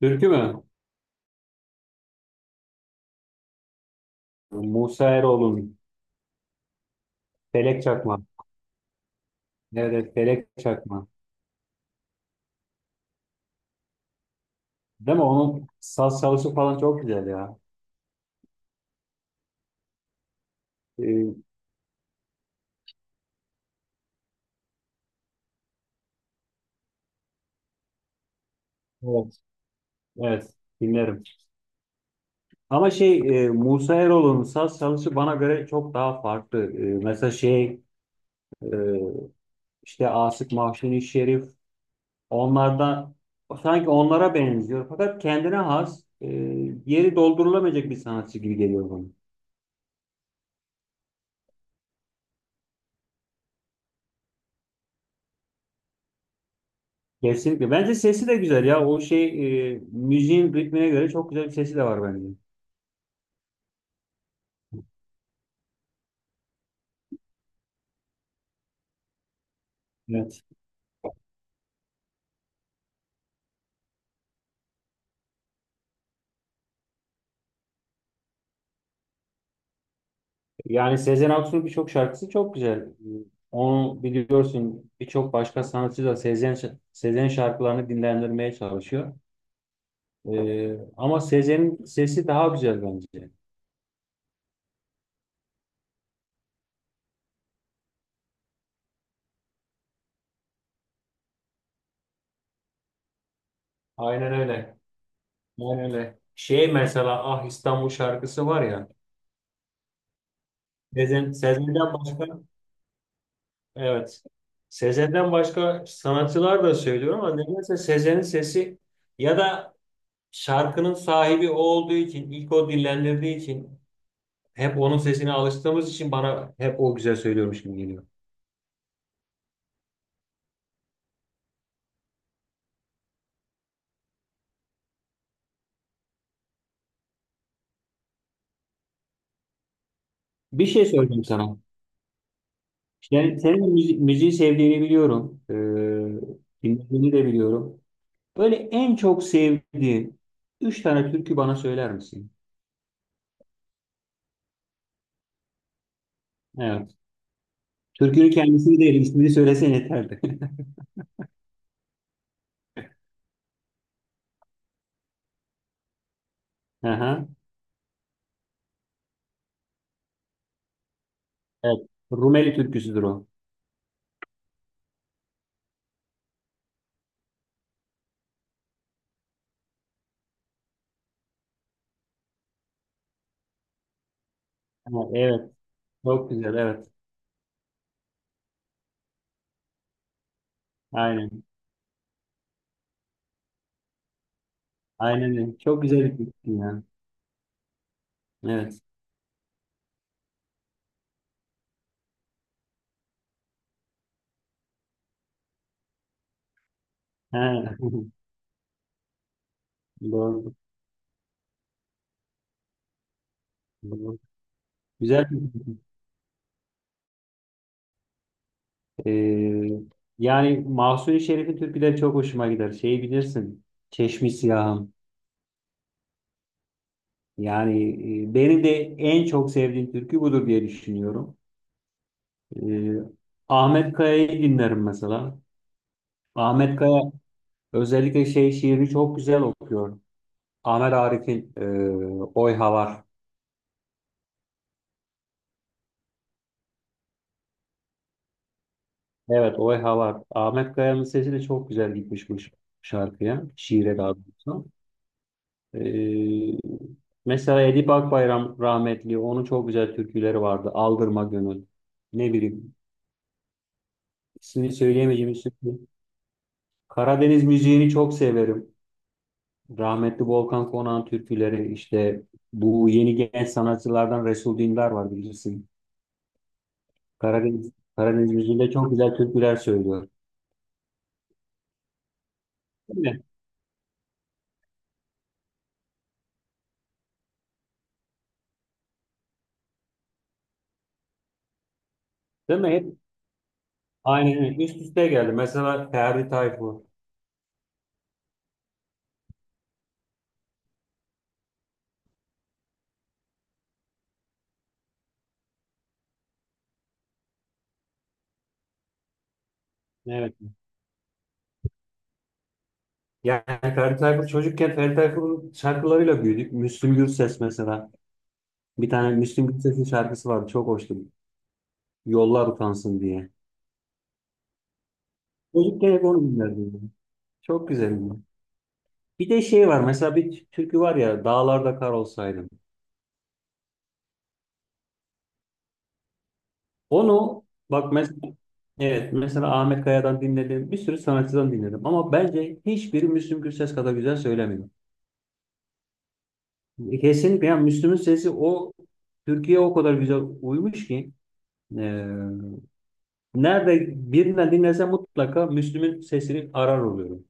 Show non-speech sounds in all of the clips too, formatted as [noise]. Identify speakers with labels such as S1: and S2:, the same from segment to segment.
S1: Türkü mü? Musa Eroğlu'nun Felek Çakma. Evet, evet, Felek Çakma. Değil mi? Onun saz çalışı falan çok güzel ya. Ee, evet. Evet, dinlerim. Ama Musa Eroğlu'nun saz çalışı bana göre çok daha farklı. Mesela e, işte Asık Mahzuni Şerif, onlardan sanki onlara benziyor. Fakat kendine has, yeri doldurulamayacak bir sanatçı gibi geliyor bana. Kesinlikle. Bence sesi de güzel ya. O müziğin ritmine göre çok güzel bir sesi de var bence. Evet. Yani Sezen Aksu'nun birçok şarkısı çok güzel. Onu biliyorsun birçok başka sanatçı da Sezen şarkılarını dinlendirmeye çalışıyor. Ama Sezen'in sesi daha güzel bence. Aynen öyle. Aynen öyle. Şey mesela Ah İstanbul şarkısı var ya. Sezen'den başka Evet. Sezen'den başka sanatçılar da söylüyorum ama nedense Sezen'in sesi ya da şarkının sahibi o olduğu için, ilk o dillendirdiği için hep onun sesine alıştığımız için bana hep o güzel söylüyormuş gibi geliyor. Bir şey söyleyeyim sana. Yani senin müziği sevdiğini biliyorum. Dinlediğini de biliyorum. Böyle en çok sevdiğin üç tane türkü bana söyler misin? Evet. Türkünün kendisini değil, ismini söylesen yeterdi. [laughs] Aha. Evet. Rumeli türküsüdür o. Ha, evet. Çok güzel. Evet. Aynen. Aynen. öyle. Çok güzel bir fikir yani. Evet. Ha. [laughs] Doğru. Doğru. Güzel bir fikir. Ee, yani Mahsuni Şerif'in türküleri çok hoşuma gider. Şeyi bilirsin. Çeşmi Siyahım. Yani benim de en çok sevdiğim türkü budur diye düşünüyorum. Ee, Ahmet Kaya'yı dinlerim mesela. Ahmet Kaya özellikle şey şiirini çok güzel okuyor. Ahmet Arif'in Oy Havar. Evet, o Eha var. Ahmet Kaya'nın sesi de çok güzel gitmiş bu şarkıya, şiire daha doğrusu. Ee, mesela Edip Akbayram rahmetli, onun çok güzel türküleri vardı. Aldırma Gönül, ne bileyim, ismini söyleyemeyeceğim türkü. Karadeniz müziğini çok severim. Rahmetli Volkan Konak'ın türküleri, işte bu yeni genç sanatçılardan Resul Dindar var bilirsin. Karadeniz müziğinde çok güzel türküler söylüyor. Değil mi? Değil mi? Hep Aynen öyle. Üst üste geldi. Mesela Ferdi Tayfur. Evet. Yani Ferdi Tayfur çocukken Ferdi Tayfur'un şarkılarıyla büyüdük. Müslüm Gürses mesela. Bir tane Müslüm Gürses'in şarkısı vardı. Çok hoştu. Yollar utansın diye. Çocukken hep onu dinlerdim. Ben. Çok güzeldi. Bir de şey var. Mesela bir türkü var ya. Dağlarda kar olsaydım. Onu bak mesela evet mesela Ahmet Kaya'dan dinledim. Bir sürü sanatçıdan dinledim. Ama bence hiçbiri Müslüm Gürses kadar güzel söylemiyor. Kesinlikle yani Müslüm'ün sesi o Türkiye'ye o kadar güzel uymuş ki. Ee, Nerede birinden dinlesem mutlaka Müslüm'ün sesini arar oluyorum.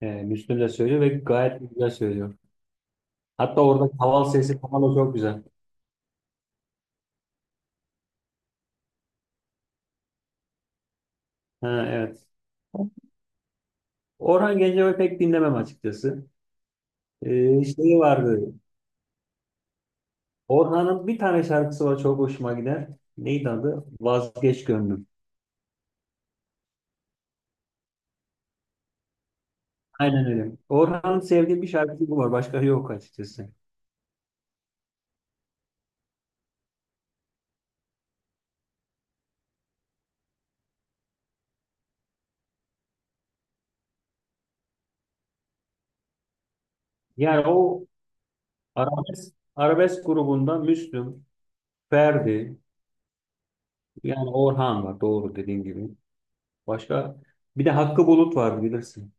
S1: Müslüm de söylüyor ve gayet güzel söylüyor. Hatta orada kaval sesi falan da çok güzel. Ha, evet. Orhan Gencebay'ı pek dinlemem açıkçası. Şeyi vardı. Orhan'ın bir tane şarkısı var çok hoşuma gider. Neydi adı? Vazgeç Gönlüm. Aynen öyle. Orhan'ın sevdiği bir şarkısı bu var. Başka yok açıkçası. Yani o arabesk grubunda Müslüm, Ferdi, yani Orhan var doğru dediğin gibi. Başka bir de Hakkı Bulut vardı bilirsin.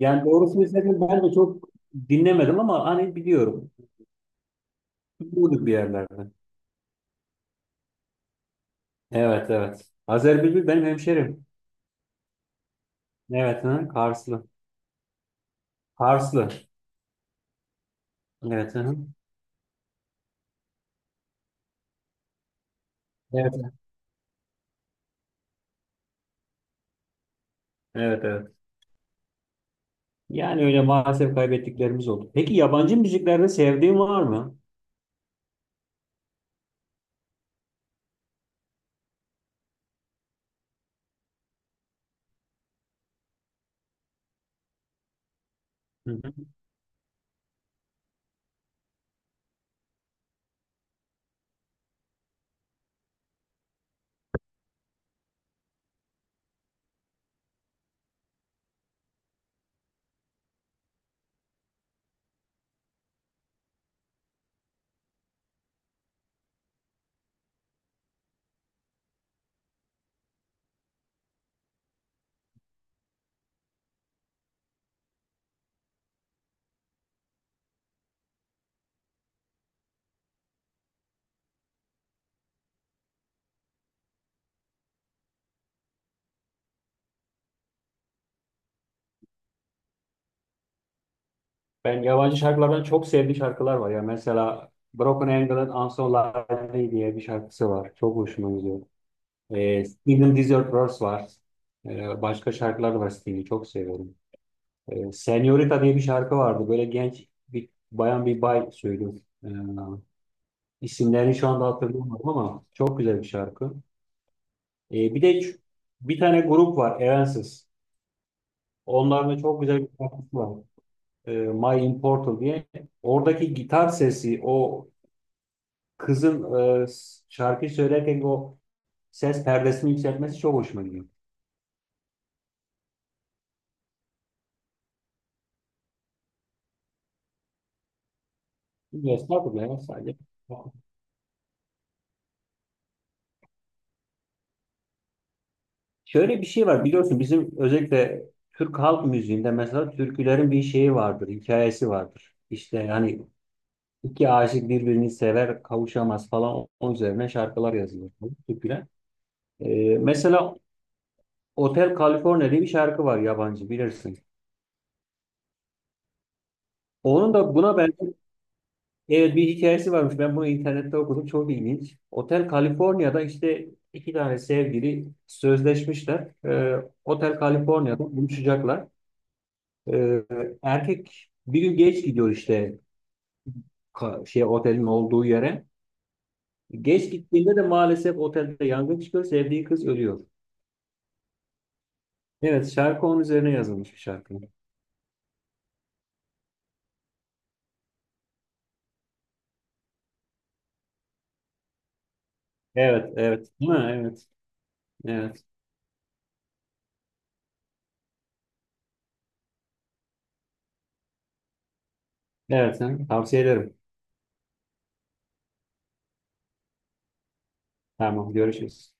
S1: Yani doğrusunu istedim ben de çok dinlemedim ama hani biliyorum. Bulduk bir yerlerde. Evet evet. Azer Bülbül benim hemşerim. Evet hı, Karslı. Karslı. Evet hı. Evet. Evet evet. Yani öyle maalesef kaybettiklerimiz oldu. Peki yabancı müziklerde sevdiğin var mı? Hı hı. Ben yabancı şarkılardan çok sevdiğim şarkılar var ya. Mesela Broken Angel'ın I'm So Lonely diye bir şarkısı var. Çok hoşuma gidiyor. Steven Desert Verse var. Başka şarkılar da var Steve'i çok seviyorum. Senorita diye bir şarkı vardı. Böyle genç bir bayan bir bay söylüyor. E, isimlerini şu anda hatırlamıyorum ama çok güzel bir şarkı. E, bir de ç- bir tane grup var Evanescence. Onların da çok güzel bir şarkısı var. My Immortal diye. Oradaki gitar sesi, o kızın şarkı söylerken o ses perdesini yükseltmesi çok hoşuma gidiyor. Estağfurullah ya sadece. Şöyle bir şey var biliyorsun bizim özellikle Türk halk müziğinde mesela türkülerin bir şeyi vardır, hikayesi vardır. İşte yani iki aşık birbirini sever, kavuşamaz falan onun üzerine şarkılar yazılır, türküler. Mesela Otel California diye bir şarkı var yabancı bilirsin. Onun da buna benzer evet, bir hikayesi varmış. Ben bunu internette okudum çok ilginç. Otel California'da işte iki tane sevgili sözleşmişler. Otel California'da buluşacaklar. Ee, erkek bir gün geç gidiyor işte şey otelin olduğu yere. Geç gittiğinde de maalesef otelde yangın çıkıyor. Sevdiği kız ölüyor. Evet şarkı onun üzerine yazılmış bir şarkı. Evet evet. Ha, evet. Evet. Evet. ha, Tavsiye ederim. Tamam görüşürüz.